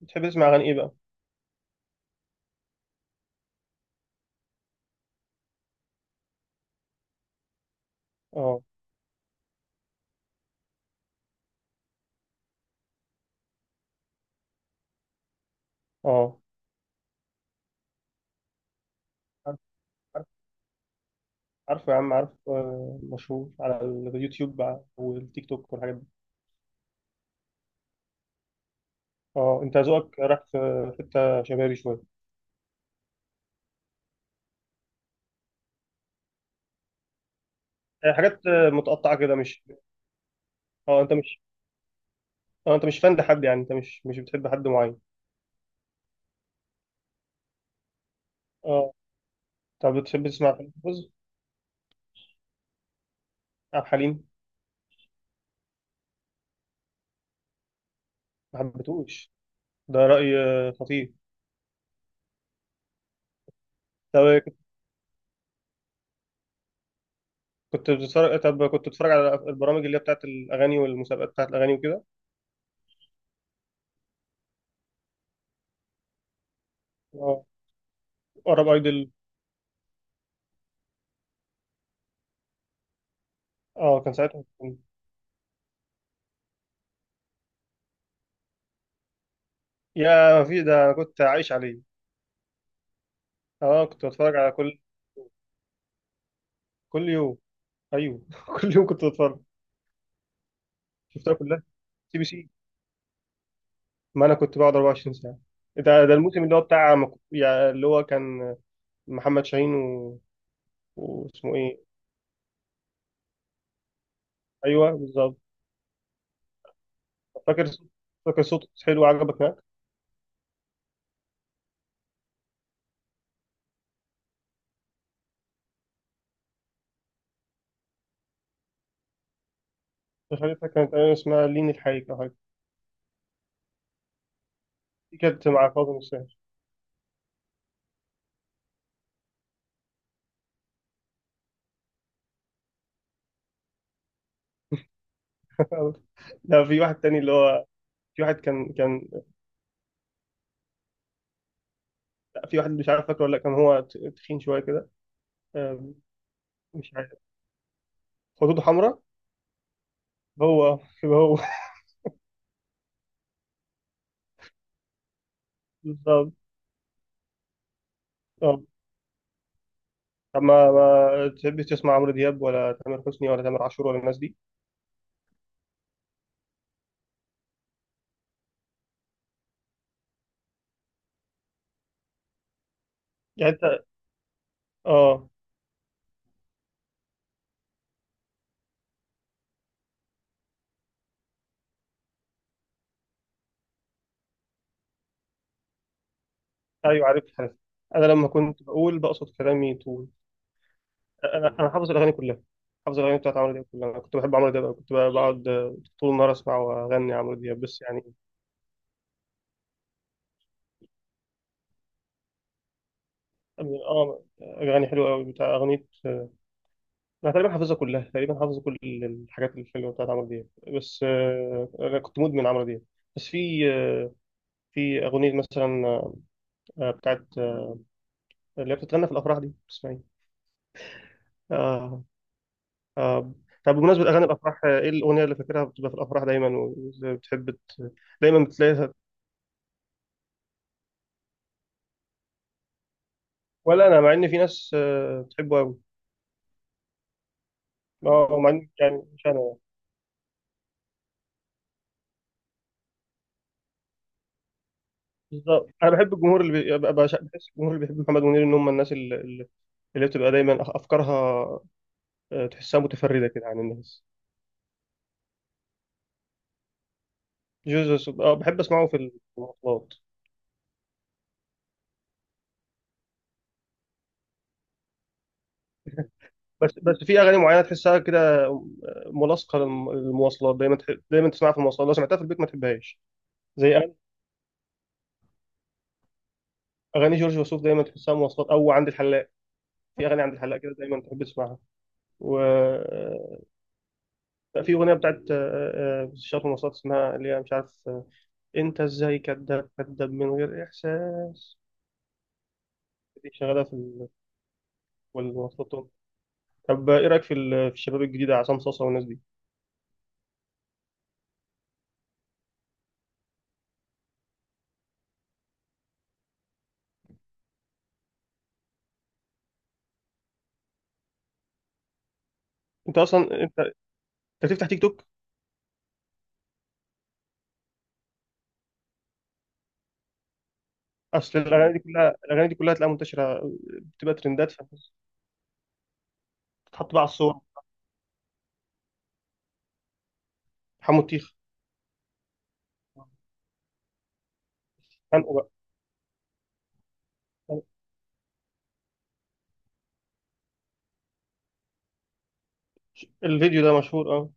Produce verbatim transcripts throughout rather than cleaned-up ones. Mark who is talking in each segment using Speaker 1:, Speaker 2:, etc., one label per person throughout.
Speaker 1: بتحب تسمع اغاني ايه بقى؟ اه. اه. عارف. عارف. عارف يا عم، عارف. آه، مشهور على اليوتيوب بقى والتيك توك والحاجات دي. اه، انت ذوقك راح في حته شبابي شويه، آه، حاجات آه، متقطعه كده، مش... اه انت مش... اه انت مش فان لحد، يعني انت مش مش بتحب حد معين. اه. طب بتحب تسمع فيلم بوز؟ عبد الحليم. ما حبيتهوش؟ ده رأي آه، خطير. طب. كنت بتتفرج، طب كنت بتتفرج على البرامج اللي هي بتاعت الاغاني والمسابقات بتاعت الاغاني وكده. اه. قرب ايدل. اه، كان ساعتها. يا ما في ده، انا كنت عايش عليه. اه، كنت بتفرج على كل... كل يوم. ايوه كل يوم كنت بتفرج. شفتها كلها. سي بي سي. ما انا كنت بقعد 24 ساعه. ده ده الموسم اللي هو بتاع مك- يعني اللي هو كان محمد شاهين و... واسمه ايه؟ ايوه بالظبط. فاكر صوت- فاكر صوت حلو عجبك هناك. شخصيتها كانت، أيوة اسمها لين الحقيقة او حاجه. دي كانت مع فاطمه الشاهين. لا في واحد تاني اللي هو... في واحد كان كان في واحد مش عارف فاكره ولا لأ، كان هو ت- تخين شويه كده، آه، مش عارف. خدوده حمراء. هو. هو. بالظبط. اه. طب ما ما تحبش تسمع عمرو دياب ولا تامر حسني ولا تامر عاشور ولا الناس دي؟ يعني انت... اه. ايوه عارف، عارف. انا لما كنت بقول بقصد كلامي طول. انا انا حافظ الاغاني كلها. حافظ الاغاني بتاعت عمرو دياب كلها. انا كنت بحب عمرو دياب أوي. كنت بقى بقعد آه، طول النهار اسمع واغني عمرو دياب، بس يعني... اه، اغاني حلوه قوي بتاع اغنيه. انا تقريبا حافظها كلها، تقريبا حافظ كل الحاجات الحلوه بتاعت عمرو دياب. بس آه، انا كنت مدمن عمرو دياب. بس في آه، في اغنيه مثلا آه، بتاعت آه، اللي هي بتتغنى في الافراح دي، اسمها ايه؟ آه. آه. طب بمناسبه اغاني الافراح، آه، ايه الاغنيه اللي فاكرها بتبقى في الافراح دايما؟ وبتحب ت- دايما بتلاقيها. ولا انا، مع ان في ناس آه، بتحبه قوي. اه، مع ان يعني، مش انا يعني. بالظبط، انا بحب الجمهور، اللي بي- ببقى بش- بحس الجمهور اللي بيحب محمد منير ان هم الناس اللي... اللي بتبقى دايما أخ- افكارها آه، تحسها متفرده كده عن الناس. جوزوس، اه بحب اسمعه في المواصلات. بس بس في اغاني معينه تحسها كده، ملاصقه للم- للمواصلات، دايما تح... دايما تسمعها في المواصلات، لو سمعتها في البيت ما تحبهاش. زي اغاني... أغاني جورج وسوف دايما تحسها مواصلات او عند الحلاق. في اغاني عند الحلاق كده دايما تحب تسمعها. و... لا، في اغنيه بتاعت آه، آه، شاطر مواصلات، اسمها اللي هي مش عارف آه، انت ازاي كداب كداب من غير احساس. دي شغاله في ال- في المواصلات طول. طب آه، ايه رايك في ال- في الشباب الجديده، عصام صاصا والناس دي؟ انت اصلا انت انت بتفتح تيك توك؟ اصل الاغاني دي كلها، الاغاني دي كلها تلاقيها منتشره، بتبقى ترندات فتتحط بقى على الصور. حمو الطيخه. خانقوا بقى. الفيديو ده مشهور، اه.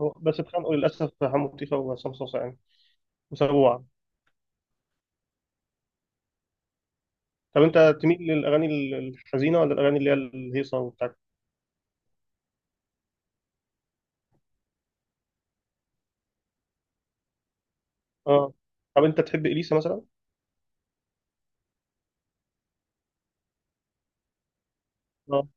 Speaker 1: هو- بس اتخانقوا للاسف، حمو الطيخه وعصام صوصه يعني، وسابوه بعض. طب انت تميل للاغاني ال- الحزينه ولا الاغاني اللي هي الهيصه وبتاع؟ اه. طب انت تحب اليسا مثلا؟ اه.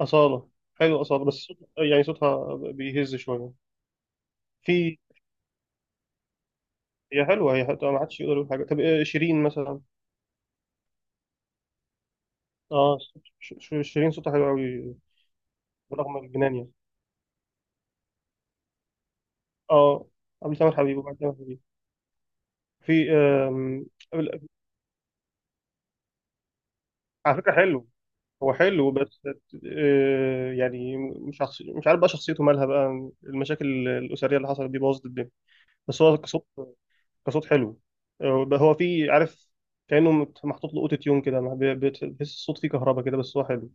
Speaker 1: اصاله. حلو اصاله، بس صوت... يعني صوتها بيهز شويه. في... هي حلوه، هي حلوة، ما حدش يقدر يقول حاجه. طب آه، شيرين مثلا؟ اه. ش- ش- شيرين صوتها حلو قوي. برغم الجنان يعني. اه. قبل سامر حبيب وبعد سامر حبيب. في آم، على فكرة حلو. هو حلو بس آه، يعني مش عص- مش عارف بقى شخصيته مالها بقى، المشاكل الأسرية اللي حصلت دي بوظت الدنيا. بس هو كصوت، كصوت حلو. آه، بقى هو في، عارف، كأنه مت- محطوط له اوتو تيون كده، ما بي- بتحس الصوت فيه كهرباء كده، بس هو حلو.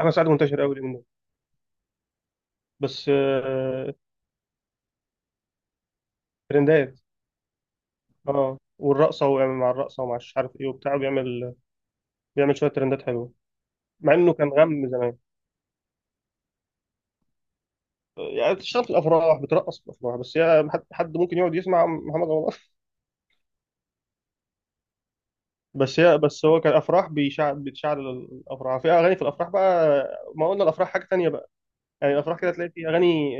Speaker 1: انا ساعات منتشر قوي اليومين دول. بس آه، ترندات. اه، والرقصة ويعمل مع الرقصة ومع مش عارف ايه وبتاع، بيعمل بيعمل شوية ترندات حلوة. مع انه كان غم، يعني بتشتغل في الافراح بترقص في الافراح، بس هي حد حد ممكن يقعد يسمع محمد رمضان؟ بس هي، بس هو كان افراح بيشعل، بتشعل الافراح، في اغاني في الافراح بقى، ما قلنا الافراح حاجه تانية بقى. يعني الافراح كده تلاقي في اغاني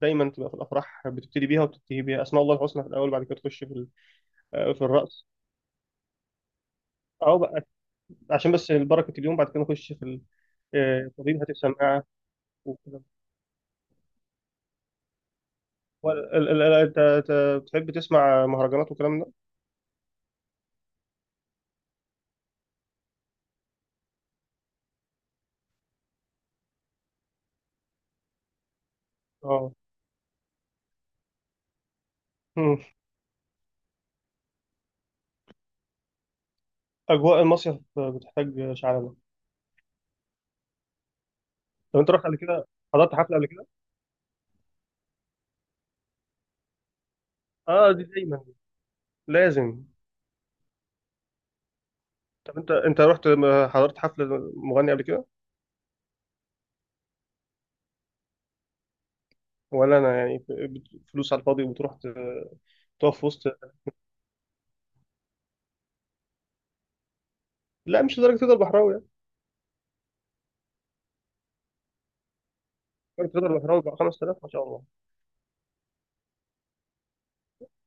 Speaker 1: دايما تبقى في الافراح، بتبتدي بيها وتنتهي بيها، اسماء الله الحسنى في الاول، بعد كده تخش في ال- في الرقص، او بقى عشان بس بركه اليوم، بعد كده نخش في ال- آه، طبيب هات السماعه وكده. هو ال- ال- ال- انت أنت بتحب تسمع مهرجانات والكلام ده؟ اه أمم. اجواء المصيف بتحتاج شعلبه. طب انت رحت قبل كده، حضرت حفله قبل كده؟ اه دي دايما لازم. طب انت انت رحت م- حضرت حفله مغني قبل كده؟ ولا انا يعني، ف- بت- فلوس على الفاضي وبتروح ت- تقف في وسط؟ لا، مش لدرجه تقدر بحراوي يعني. درجة تقدر بحراوي بقى خمس تلاف؟ ما شاء الله.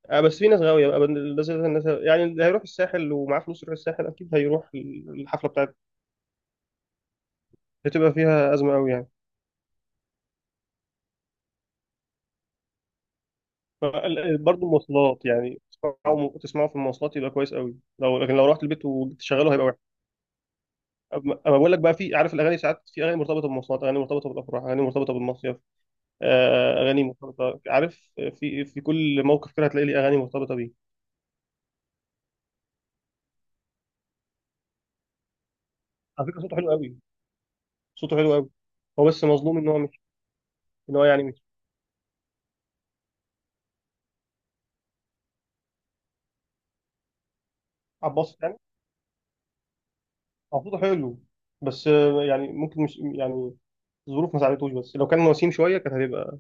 Speaker 1: آه، بس في ناس غاويه بقى، لازم الناس يعني اللي هيروح الساحل ومعاه فلوس يروح الساحل، اكيد هيروح الحفله بتاعته، هتبقى فيها ازمه قوي يعني. برضه مواصلات يعني، تسمعوا تسمعوا في المواصلات يبقى كويس قوي، لو لكن لو رحت البيت وشغله هيبقى... اما، أما بقول لك بقى، في، عارف، الاغاني ساعات، في اغاني مرتبطه بالمواصلات، اغاني مرتبطه بالافراح، اغاني مرتبطه بالمصيف، آه، اغاني مرتبطه، عارف، في في كل موقف كده هتلاقي لي اغاني مرتبطه بيه. على فكره صوته حلو قوي، صوته حلو قوي. هو بس مظلوم ان هو مش، ان هو يعني مش... عباس يعني، هو صوته حلو، بس آه، يعني ممكن مش يعني، الظروف ما ساعدتوش، بس لو كان وسيم شويه كانت هتبقى.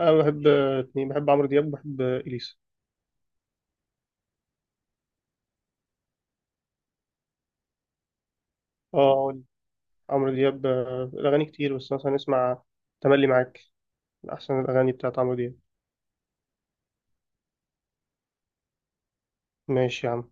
Speaker 1: انا بحب آه، اتنين، بحب عمرو دياب وبحب آه، اليسا. اه أقول، عمرو دياب آه، الاغاني كتير، بس مثلا نسمع تملي معاك، من احسن الاغاني بتاعت عمرو دياب. ماشي يا عم.